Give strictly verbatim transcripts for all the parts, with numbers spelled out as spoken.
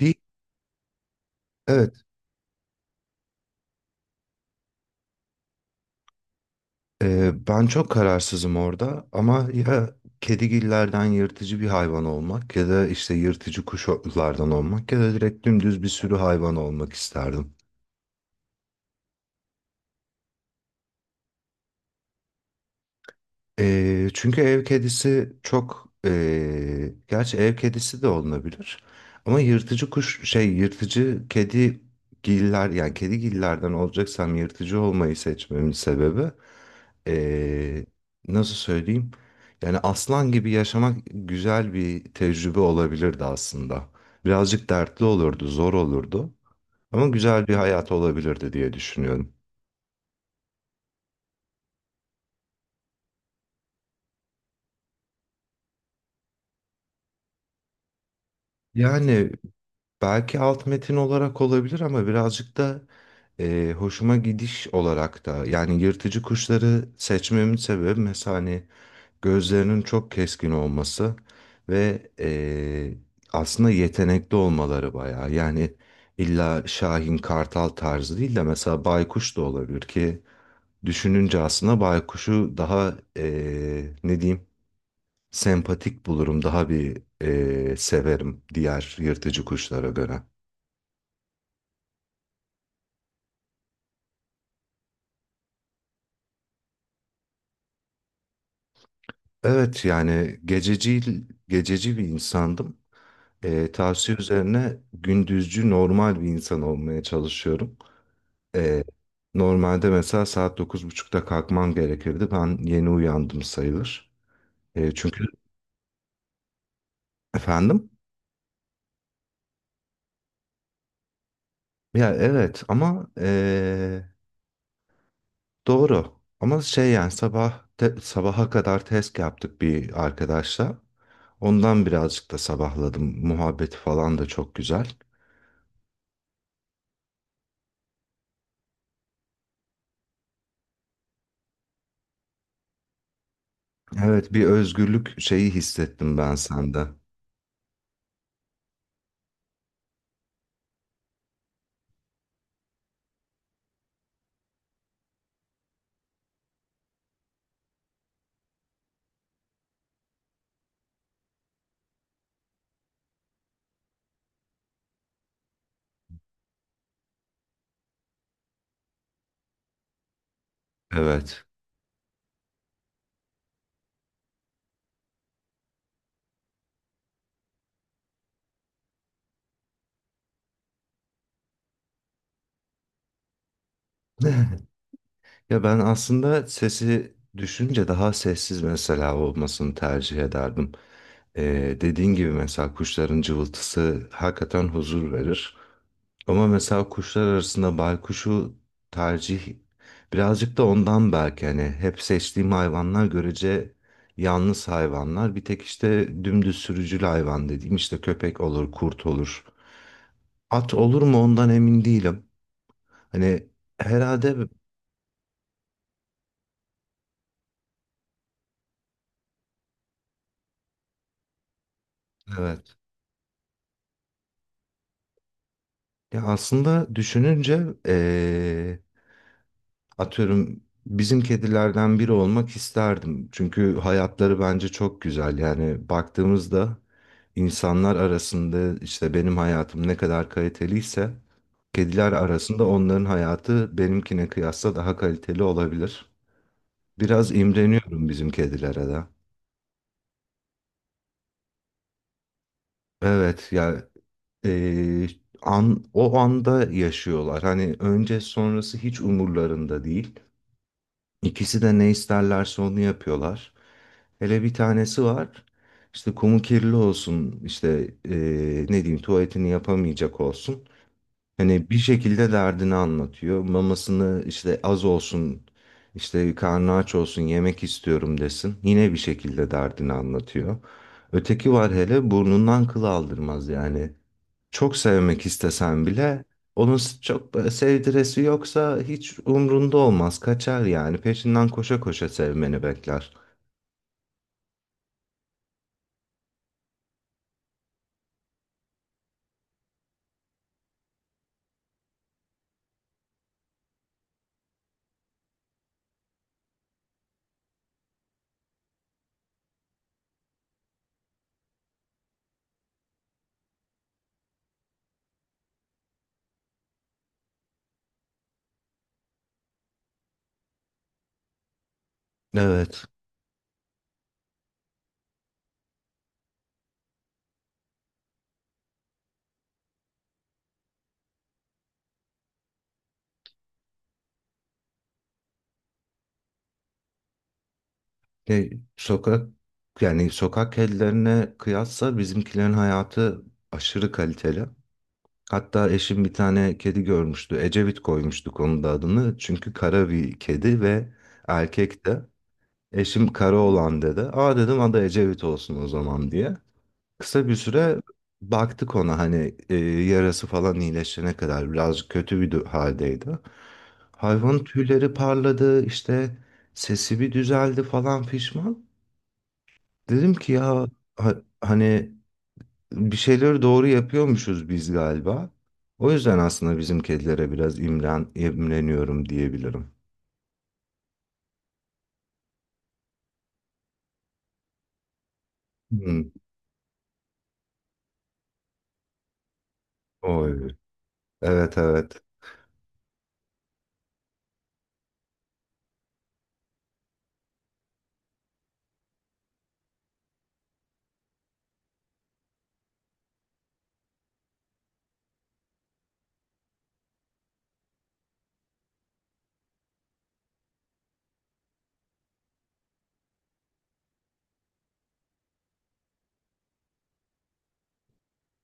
Bir, evet, e, ben çok kararsızım orada, ama ya kedigillerden yırtıcı bir hayvan olmak, ya da işte yırtıcı kuşlardan olmak, ya da direkt dümdüz bir sürü hayvan olmak isterdim. E, çünkü ev kedisi çok, e, gerçi ev kedisi de olunabilir, ama yırtıcı kuş şey yırtıcı kedigiller, yani kedigillerden olacaksam yırtıcı olmayı seçmemin sebebi. eee, Nasıl söyleyeyim? Yani aslan gibi yaşamak güzel bir tecrübe olabilirdi aslında. Birazcık dertli olurdu, zor olurdu. Ama güzel bir hayat olabilirdi diye düşünüyorum. Yani belki alt metin olarak olabilir, ama birazcık da eee, hoşuma gidiş olarak da, yani yırtıcı kuşları seçmemin sebebi mesela hani gözlerinin çok keskin olması ve eee, aslında yetenekli olmaları bayağı. Yani illa Şahin Kartal tarzı değil de mesela Baykuş da olabilir, ki düşününce aslında Baykuş'u daha eee, ne diyeyim sempatik bulurum, daha bir eee, severim diğer yırtıcı kuşlara göre. Evet, yani gececi gececi bir insandım. Eee, tavsiye üzerine gündüzcü normal bir insan olmaya çalışıyorum. Ee, Normalde mesela saat dokuz buçukta kalkmam gerekirdi. Ben yeni uyandım sayılır. Ee, çünkü efendim? Ya evet ama ee, doğru. Ama şey yani sabah te- sabaha kadar test yaptık bir arkadaşla. Ondan birazcık da sabahladım. Muhabbeti falan da çok güzel. Evet, bir özgürlük şeyi hissettim ben sende. Evet. Ya ben aslında sesi düşünce daha sessiz mesela olmasını tercih ederdim. Ee, dediğin gibi mesela kuşların cıvıltısı hakikaten huzur verir. Ama mesela kuşlar arasında baykuşu tercih, birazcık da ondan belki hani hep seçtiğim hayvanlar görece yalnız hayvanlar. Bir tek işte dümdüz sürücül hayvan dediğim işte köpek olur, kurt olur. At olur mu ondan emin değilim. Hani herhalde evet. Ya aslında düşününce eee, atıyorum bizim kedilerden biri olmak isterdim. Çünkü hayatları bence çok güzel. Yani baktığımızda insanlar arasında işte benim hayatım ne kadar kaliteliyse kediler arasında onların hayatı benimkine kıyasla daha kaliteli olabilir. Biraz imreniyorum bizim kedilere de. Evet ya, eee, an, o anda yaşıyorlar. Hani önce sonrası hiç umurlarında değil. İkisi de ne isterlerse onu yapıyorlar. Hele bir tanesi var. İşte kumu kirli olsun, işte eee, ne diyeyim tuvaletini yapamayacak olsun. Hani bir şekilde derdini anlatıyor. Mamasını işte az olsun, işte karnı aç olsun, yemek istiyorum desin. Yine bir şekilde derdini anlatıyor. Öteki var hele burnundan kıl aldırmaz, yani çok sevmek istesen bile onun s- çok böyle sevdiresi yoksa hiç umrunda olmaz, kaçar, yani peşinden koşa koşa sevmeni bekler. Evet. E, sokak Yani sokak kedilerine kıyasla bizimkilerin hayatı aşırı kaliteli. Hatta eşim bir tane kedi görmüştü. Ecevit koymuştuk onun da adını. Çünkü kara bir kedi ve erkekti. Eşim kara olan dedi. Aa, dedim adı Ecevit olsun o zaman diye. Kısa bir süre baktık ona, hani e, yarası falan iyileşene kadar birazcık kötü bir dü- haldeydi. Hayvanın tüyleri parladı, işte sesi bir düzeldi falan fişman. Dedim ki ya, ha- hani bir şeyleri doğru yapıyormuşuz biz galiba. O yüzden aslında bizim kedilere biraz imren, imreniyorum diyebilirim. Hmm. Oy. Evet, evet,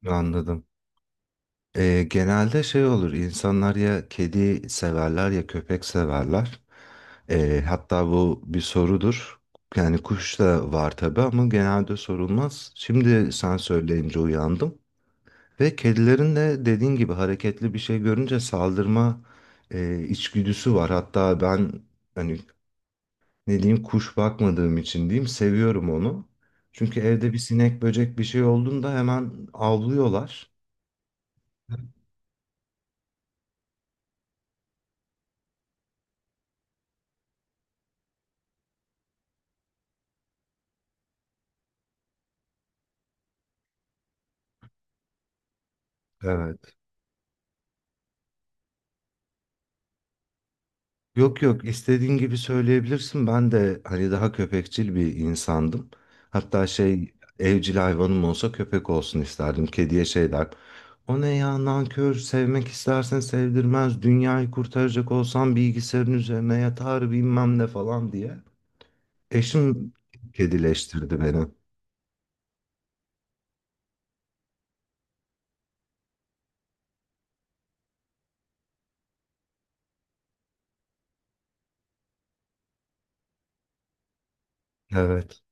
anladım. E, genelde şey olur, insanlar ya kedi severler ya köpek severler. E, hatta bu bir sorudur. Yani kuş da var tabii ama genelde sorulmaz. Şimdi sen söyleyince uyandım. Ve kedilerin de dediğin gibi hareketli bir şey görünce saldırma e, içgüdüsü var. Hatta ben hani ne diyeyim kuş bakmadığım için diyeyim seviyorum onu. Çünkü evde bir sinek, böcek, bir şey olduğunda hemen avlıyorlar. Evet. Yok, yok, istediğin gibi söyleyebilirsin. Ben de hani daha köpekçil bir insandım. Hatta şey, evcil hayvanım olsa köpek olsun isterdim. Kediye şey der. O ne ya, nankör, sevmek istersen sevdirmez. Dünyayı kurtaracak olsan bilgisayarın üzerine yatar bilmem ne falan diye. Eşim kedileştirdi beni. Evet.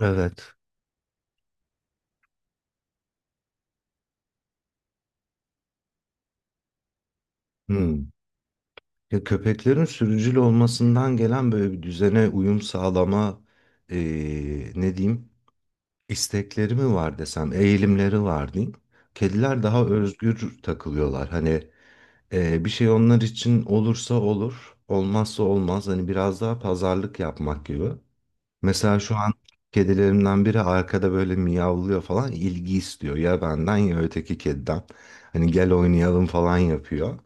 Evet. Hmm. Ya köpeklerin sürücül olmasından gelen böyle bir düzene uyum sağlama eee, ne diyeyim? İstekleri mi var desem, eğilimleri var diyeyim. Kediler daha özgür takılıyorlar. Hani e, bir şey onlar için olursa olur, olmazsa olmaz. Hani biraz daha pazarlık yapmak gibi. Mesela şu an kedilerimden biri arkada böyle miyavlıyor falan, ilgi istiyor. Ya benden ya öteki kediden. Hani gel oynayalım falan yapıyor.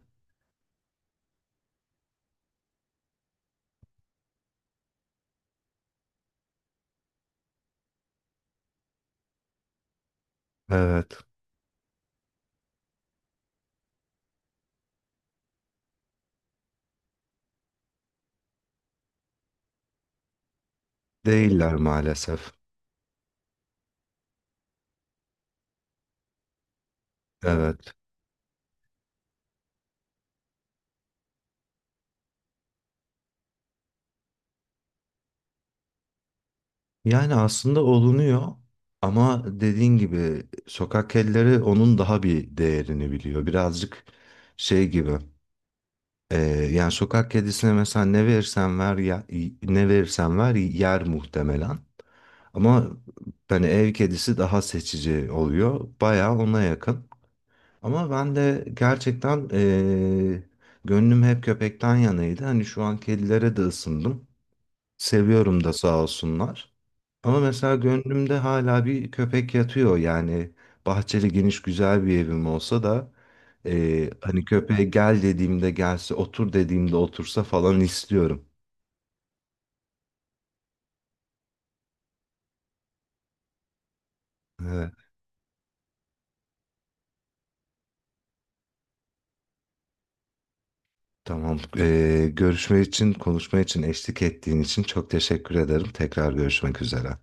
Evet. Değiller maalesef. Evet. Yani aslında olunuyor, ama dediğin gibi sokak kedileri onun daha bir değerini biliyor. Birazcık şey gibi. e, Yani sokak kedisine mesela ne verirsen ver ya- ne verirsen ver yer muhtemelen. Ama hani ev kedisi daha seçici oluyor. Bayağı ona yakın. Ama ben de gerçekten e, gönlüm hep köpekten yanaydı. Hani şu an kedilere de ısındım. Seviyorum da sağ olsunlar. Ama mesela gönlümde hala bir köpek yatıyor. Yani bahçeli geniş güzel bir evim olsa da e, hani köpeğe gel dediğimde gelse, otur dediğimde otursa falan istiyorum. Evet, tamam. E, görüşme için, konuşma için, eşlik ettiğin için çok teşekkür ederim. Tekrar görüşmek üzere.